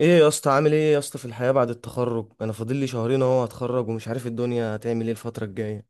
ايه يا اسطى، عامل ايه يا اسطى في الحياة بعد التخرج؟ انا فاضل لي شهرين اهو، هتخرج ومش عارف الدنيا هتعمل ايه الفترة الجاية.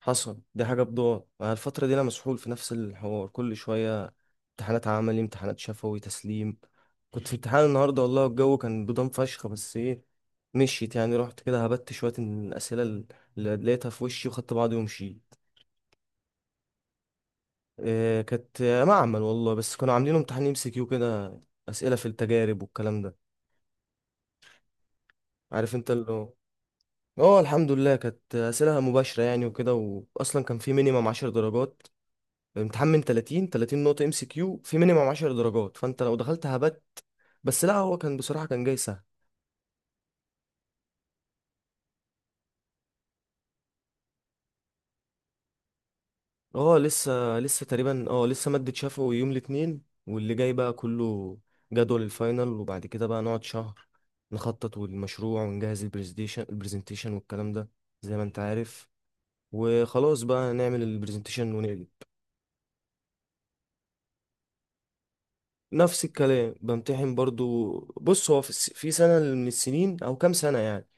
حصل دي حاجة بضاعة مع الفترة دي، انا مسحول في نفس الحوار كل شوية: امتحانات عملي، امتحانات شفوي، تسليم. كنت في امتحان النهاردة والله الجو كان بضم فشخ، بس ايه، مشيت يعني، رحت كده هبت شوية من الأسئلة اللي لقيتها في وشي وخدت بعضي ومشيت. إيه، كانت معمل والله، بس كانوا عاملين امتحان ام سي كيو كده، أسئلة في التجارب والكلام ده. عارف انت اه الحمد لله، كانت اسئله مباشره يعني وكده. واصلا كان في مينيمم 10 درجات. الامتحان من 30، 30 نقطه ام سي كيو، في مينيمم 10 درجات، فانت لو دخلت هبت. بس لا، هو كان بصراحه كان جاي سهل. اه لسه، لسه تقريبا اه لسه ماده شفوي يوم الاثنين، واللي جاي بقى كله جدول الفاينل، وبعد كده بقى نقعد شهر نخطط والمشروع، ونجهز البرزنتيشن، والكلام ده زي ما انت عارف. وخلاص بقى نعمل البرزنتيشن ونقلب. نفس الكلام، بمتحن برضو. بص، هو في سنة من السنين أو كام سنة يعني،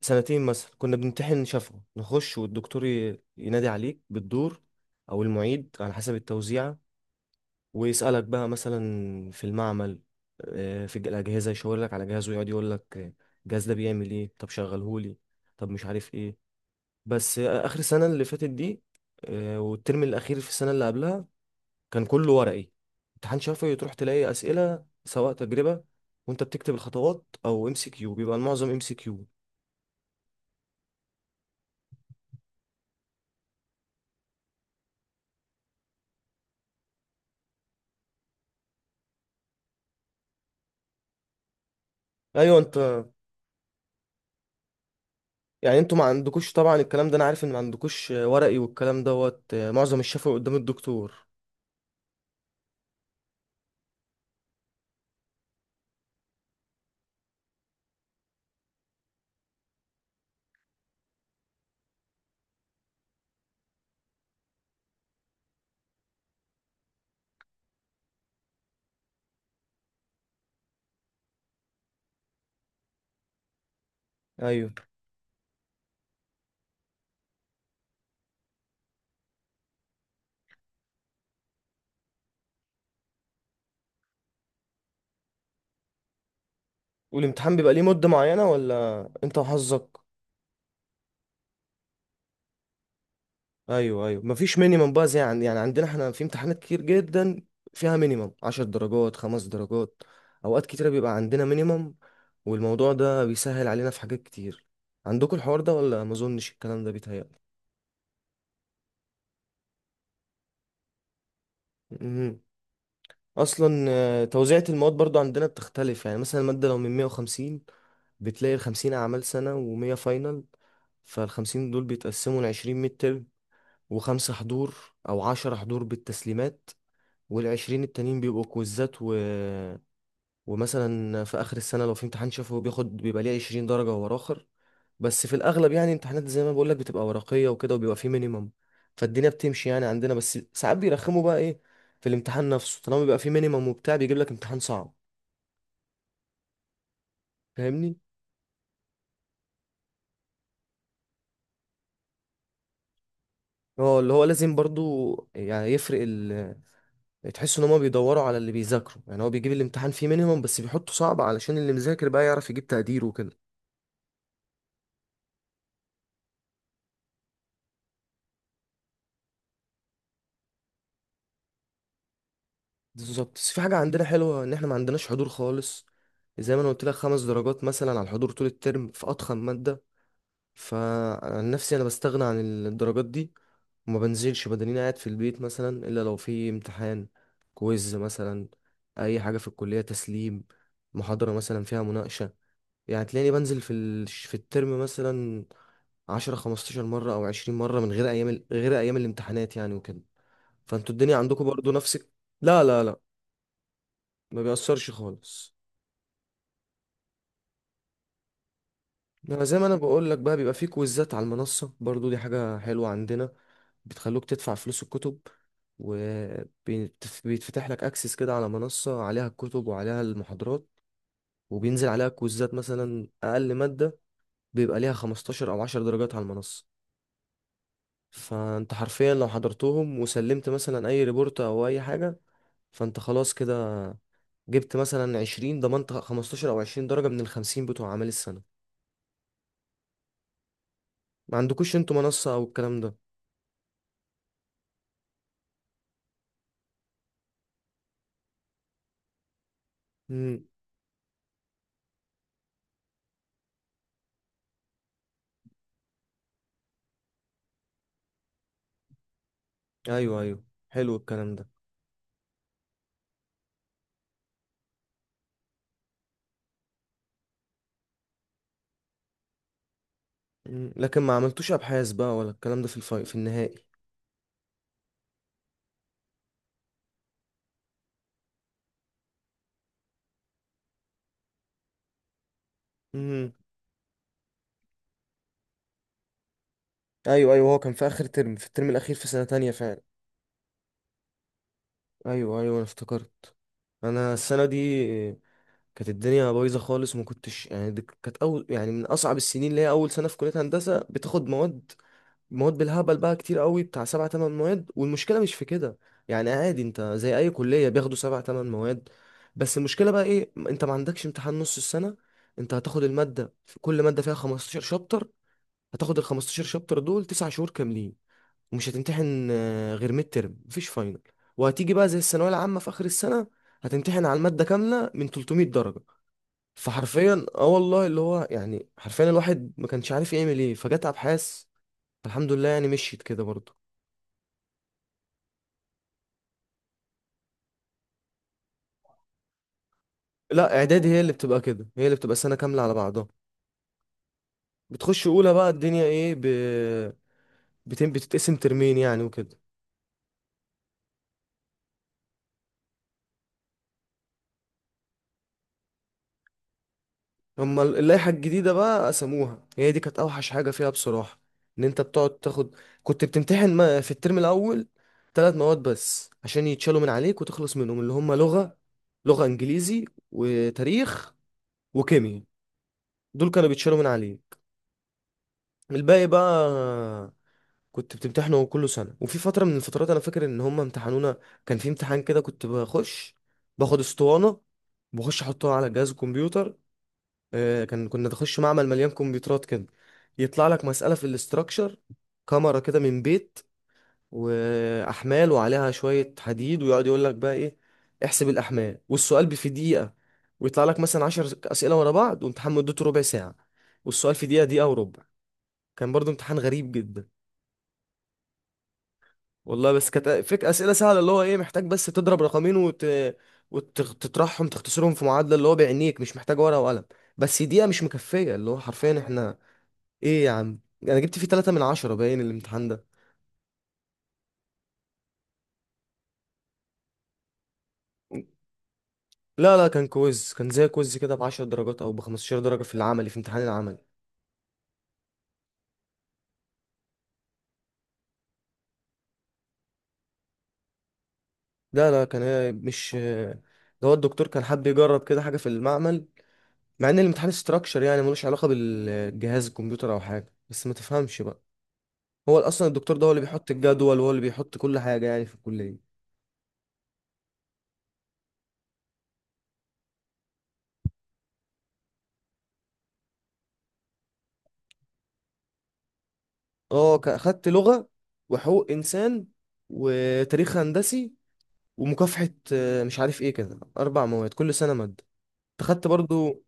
سنتين مثلا، كنا بنمتحن شفوي، نخش والدكتور ينادي عليك بالدور أو المعيد على حسب التوزيعة، ويسألك بقى مثلا في المعمل، الأجهزة، يشاور لك على جهاز ويقعد يقول لك الجهاز ده بيعمل إيه، طب شغلهولي، طب مش عارف إيه. بس آخر سنة اللي فاتت دي، والترم الأخير في السنة اللي قبلها، كان كله ورقي. امتحان شفوي، تروح تلاقي اسئله، سواء تجربه وانت بتكتب الخطوات او ام سي كيو، بيبقى المعظم ام سي كيو. ايوه انت. يعني انتوا ما عندكوش طبعا الكلام ده، انا عارف ان ما عندكوش ورقي والكلام دوت، معظم الشفوي قدام الدكتور. ايوه. والامتحان بيبقى ليه مده معينه، ولا انت وحظك؟ ايوه، ايوه، مفيش مينيمم بقى زي... عن... يعني عندنا احنا في امتحانات كتير جدا فيها مينيمم 10 درجات، خمس درجات. اوقات كتيره بيبقى عندنا مينيمم، والموضوع ده بيسهل علينا في حاجات كتير. عندكم الحوار ده ولا ما اظنش الكلام ده بيتهيألي؟ مهم. اصلا توزيعة المواد برضو عندنا بتختلف يعني، مثلا المادة لو من 150، بتلاقي ال 50 اعمال سنة و100 فاينل. فال 50 دول بيتقسموا ل 20 ميد ترم، وخمسة حضور او 10 حضور بالتسليمات، والعشرين التانيين بيبقوا كويزات. و... ومثلا في آخر السنة لو في امتحان شافه بياخد، بيبقى ليه عشرين درجة ورا آخر. بس في الأغلب يعني امتحانات زي ما بقولك بتبقى ورقية وكده، وبيبقى فيه مينيمم، فالدنيا بتمشي يعني عندنا. بس ساعات بيرخموا بقى إيه، في الامتحان نفسه طالما بيبقى فيه مينيمم وبتاع، بيجيب لك امتحان صعب. فاهمني؟ اه، اللي هو لازم برضو يعني يفرق ال... تحس ان هما بيدوروا على اللي بيذاكروا يعني، هو بيجيب الامتحان فيه مينيمم بس بيحطه صعب علشان اللي مذاكر بقى يعرف يجيب تقدير وكده. بالظبط. بس في حاجة عندنا حلوة، إن إحنا ما عندناش حضور خالص. زي ما أنا قلت لك، خمس درجات مثلا على الحضور طول الترم في أضخم مادة. فعن نفسي أنا بستغنى عن الدرجات دي، وما بنزلش بدنيا، قاعد في البيت مثلا إلا لو في امتحان، كويز مثلا، أي حاجة في الكلية، تسليم، محاضرة مثلا فيها مناقشة. يعني تلاقيني بنزل في ال... في الترم مثلا عشرة، خمستاشر مرة أو عشرين مرة من غير أيام ال... غير أيام الامتحانات يعني وكده. فأنتوا الدنيا عندكم برضو نفسك؟ لا لا لا، ما بيأثرش خالص. ما زي ما انا بقول لك بقى، بيبقى فيه كويزات على المنصة برضو، دي حاجة حلوة عندنا. بتخلوك تدفع فلوس الكتب، وبيتفتح لك اكسس كده على منصة عليها الكتب وعليها المحاضرات، وبينزل عليها كويزات. مثلا اقل مادة بيبقى ليها 15 او 10 درجات على المنصة، فانت حرفيا لو حضرتهم وسلمت مثلا اي ريبورت او اي حاجة، فانت خلاص كده جبت مثلا 20، ضمنت 15 او 20 درجة من ال 50 بتوع اعمال السنة. ما عندكوش انتوا منصة او الكلام ده؟ امم ايوه ايوه، حلو الكلام ده. لكن ما عملتوش ابحاث بقى ولا الكلام ده في الفاي، في النهائي؟ امم ايوه ايوه، هو كان في اخر ترم، في الترم الاخير في سنة تانية فعلا. ايوه ايوه انا افتكرت. انا السنة دي كانت الدنيا بايظة خالص، ما كنتش يعني، دي كانت اول يعني من اصعب السنين، اللي هي اول سنة في كلية هندسة، بتاخد مواد، مواد بالهبل بقى، كتير قوي بتاع سبع تمن مواد، والمشكله مش في كده. يعني عادي انت زي اي كليه بياخدوا سبع تمن مواد، بس المشكله بقى ايه، انت ما عندكش امتحان نص السنه. انت هتاخد الماده، في كل ماده فيها 15 شابتر، هتاخد ال 15 شابتر دول تسع شهور كاملين، ومش هتمتحن غير ميد ترم، مفيش فاينل. وهتيجي بقى زي الثانويه العامه في اخر السنه، هتمتحن على الماده كامله من 300 درجه. فحرفيا، اه والله، اللي هو يعني حرفيا الواحد ما كانش عارف يعمل ايه، فجت ابحاث. الحمد لله يعني مشيت كده برضه. لا، اعدادي هي اللي بتبقى كده، هي اللي بتبقى سنه كامله على بعضها. بتخش اولى بقى، الدنيا ايه ب... بتم، بتتقسم ترمين يعني وكده. هما اللائحه الجديده بقى قسموها، هي دي كانت اوحش حاجه فيها بصراحه، ان انت بتقعد تاخد. كنت بتمتحن في الترم الاول ثلاث مواد بس عشان يتشالوا من عليك وتخلص منهم، اللي هما لغه، لغه انجليزي وتاريخ وكيمياء، دول كانوا بيتشالوا من عليك. الباقي بقى كنت بتمتحنوا كل سنة. وفي فترة من الفترات أنا فاكر إن هما امتحنونا، كان في امتحان كده، كنت بخش باخد اسطوانة، بخش أحطها على جهاز الكمبيوتر. كان كنا نخش معمل مليان كمبيوترات كده، يطلع لك مسألة في الاستراكشر، كاميرا كده من بيت، وأحمال وعليها شوية حديد، ويقعد يقول لك بقى إيه، احسب الأحمال، والسؤال في دقيقة. ويطلع لك مثلا عشر أسئلة ورا بعض، وامتحان مدته ربع ساعة، والسؤال في دقيقة، دقيقة وربع. كان برضو امتحان غريب جدا. والله بس كانت فك اسئله سهله، اللي هو ايه، محتاج بس تضرب رقمين وتطرحهم تختصرهم في معادله، اللي هو بعينيك مش محتاج ورقه وقلم. بس دقيقه مش مكفيه، اللي هو حرفيا احنا ايه يا عم، انا جبت فيه 3 من 10 باين الامتحان ده. لا لا، كان كويز، كان زي كويز كده ب 10 درجات او ب 15 درجه، في العملي، في امتحان العملي. لا لا كان إيه، مش... ده هو الدكتور كان حابب يجرب كده حاجه في المعمل، مع ان الامتحان استراكشر يعني ملوش علاقه بالجهاز الكمبيوتر او حاجه، بس ما تفهمش بقى. هو اصلا الدكتور ده هو اللي بيحط الجدول، وهو اللي بيحط كل حاجه يعني في الكليه. اه، خدت لغه، وحقوق انسان، وتاريخ هندسي، ومكافحه مش عارف ايه كده، اربع مواد، كل سنه ماده، خدت برضو.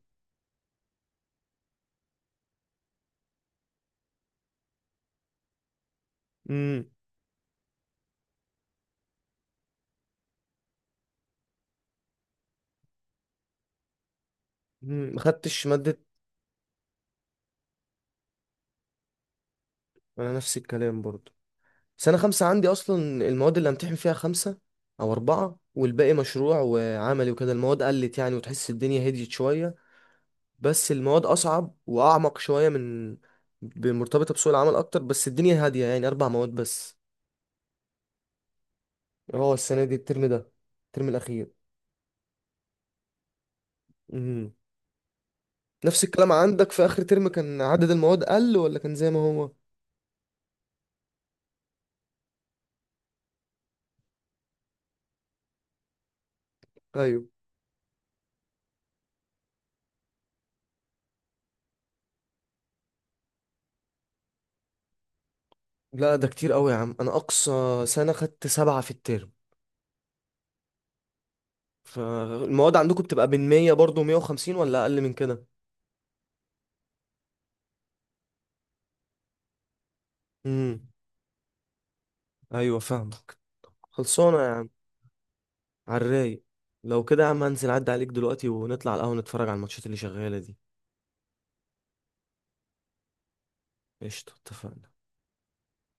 امم ما خدتش ماده. انا نفس الكلام برضو، سنه خمسة عندي اصلا المواد اللي امتحن فيها خمسة او اربعة، والباقي مشروع وعملي وكده. المواد قلت يعني، وتحس الدنيا هديت شويه، بس المواد اصعب واعمق شويه من مرتبطه بسوق العمل اكتر، بس الدنيا هاديه يعني اربع مواد بس. اه السنه دي الترم ده، الترم الاخير. امم نفس الكلام عندك؟ في اخر ترم كان عدد المواد قل ولا كان زي ما هو؟ ايوه. لا ده كتير قوي يا عم، انا اقصى سنه خدت سبعة في الترم. فالمواد عندكم بتبقى من 100 برضه، 150 ولا اقل من كده؟ امم ايوه فاهمك. خلصانه يا عم. على الرايق. لو كده يا عم هنزل عدى عليك دلوقتي، ونطلع على القهوه نتفرج على الماتشات اللي شغاله دي. قشطة، اتفقنا.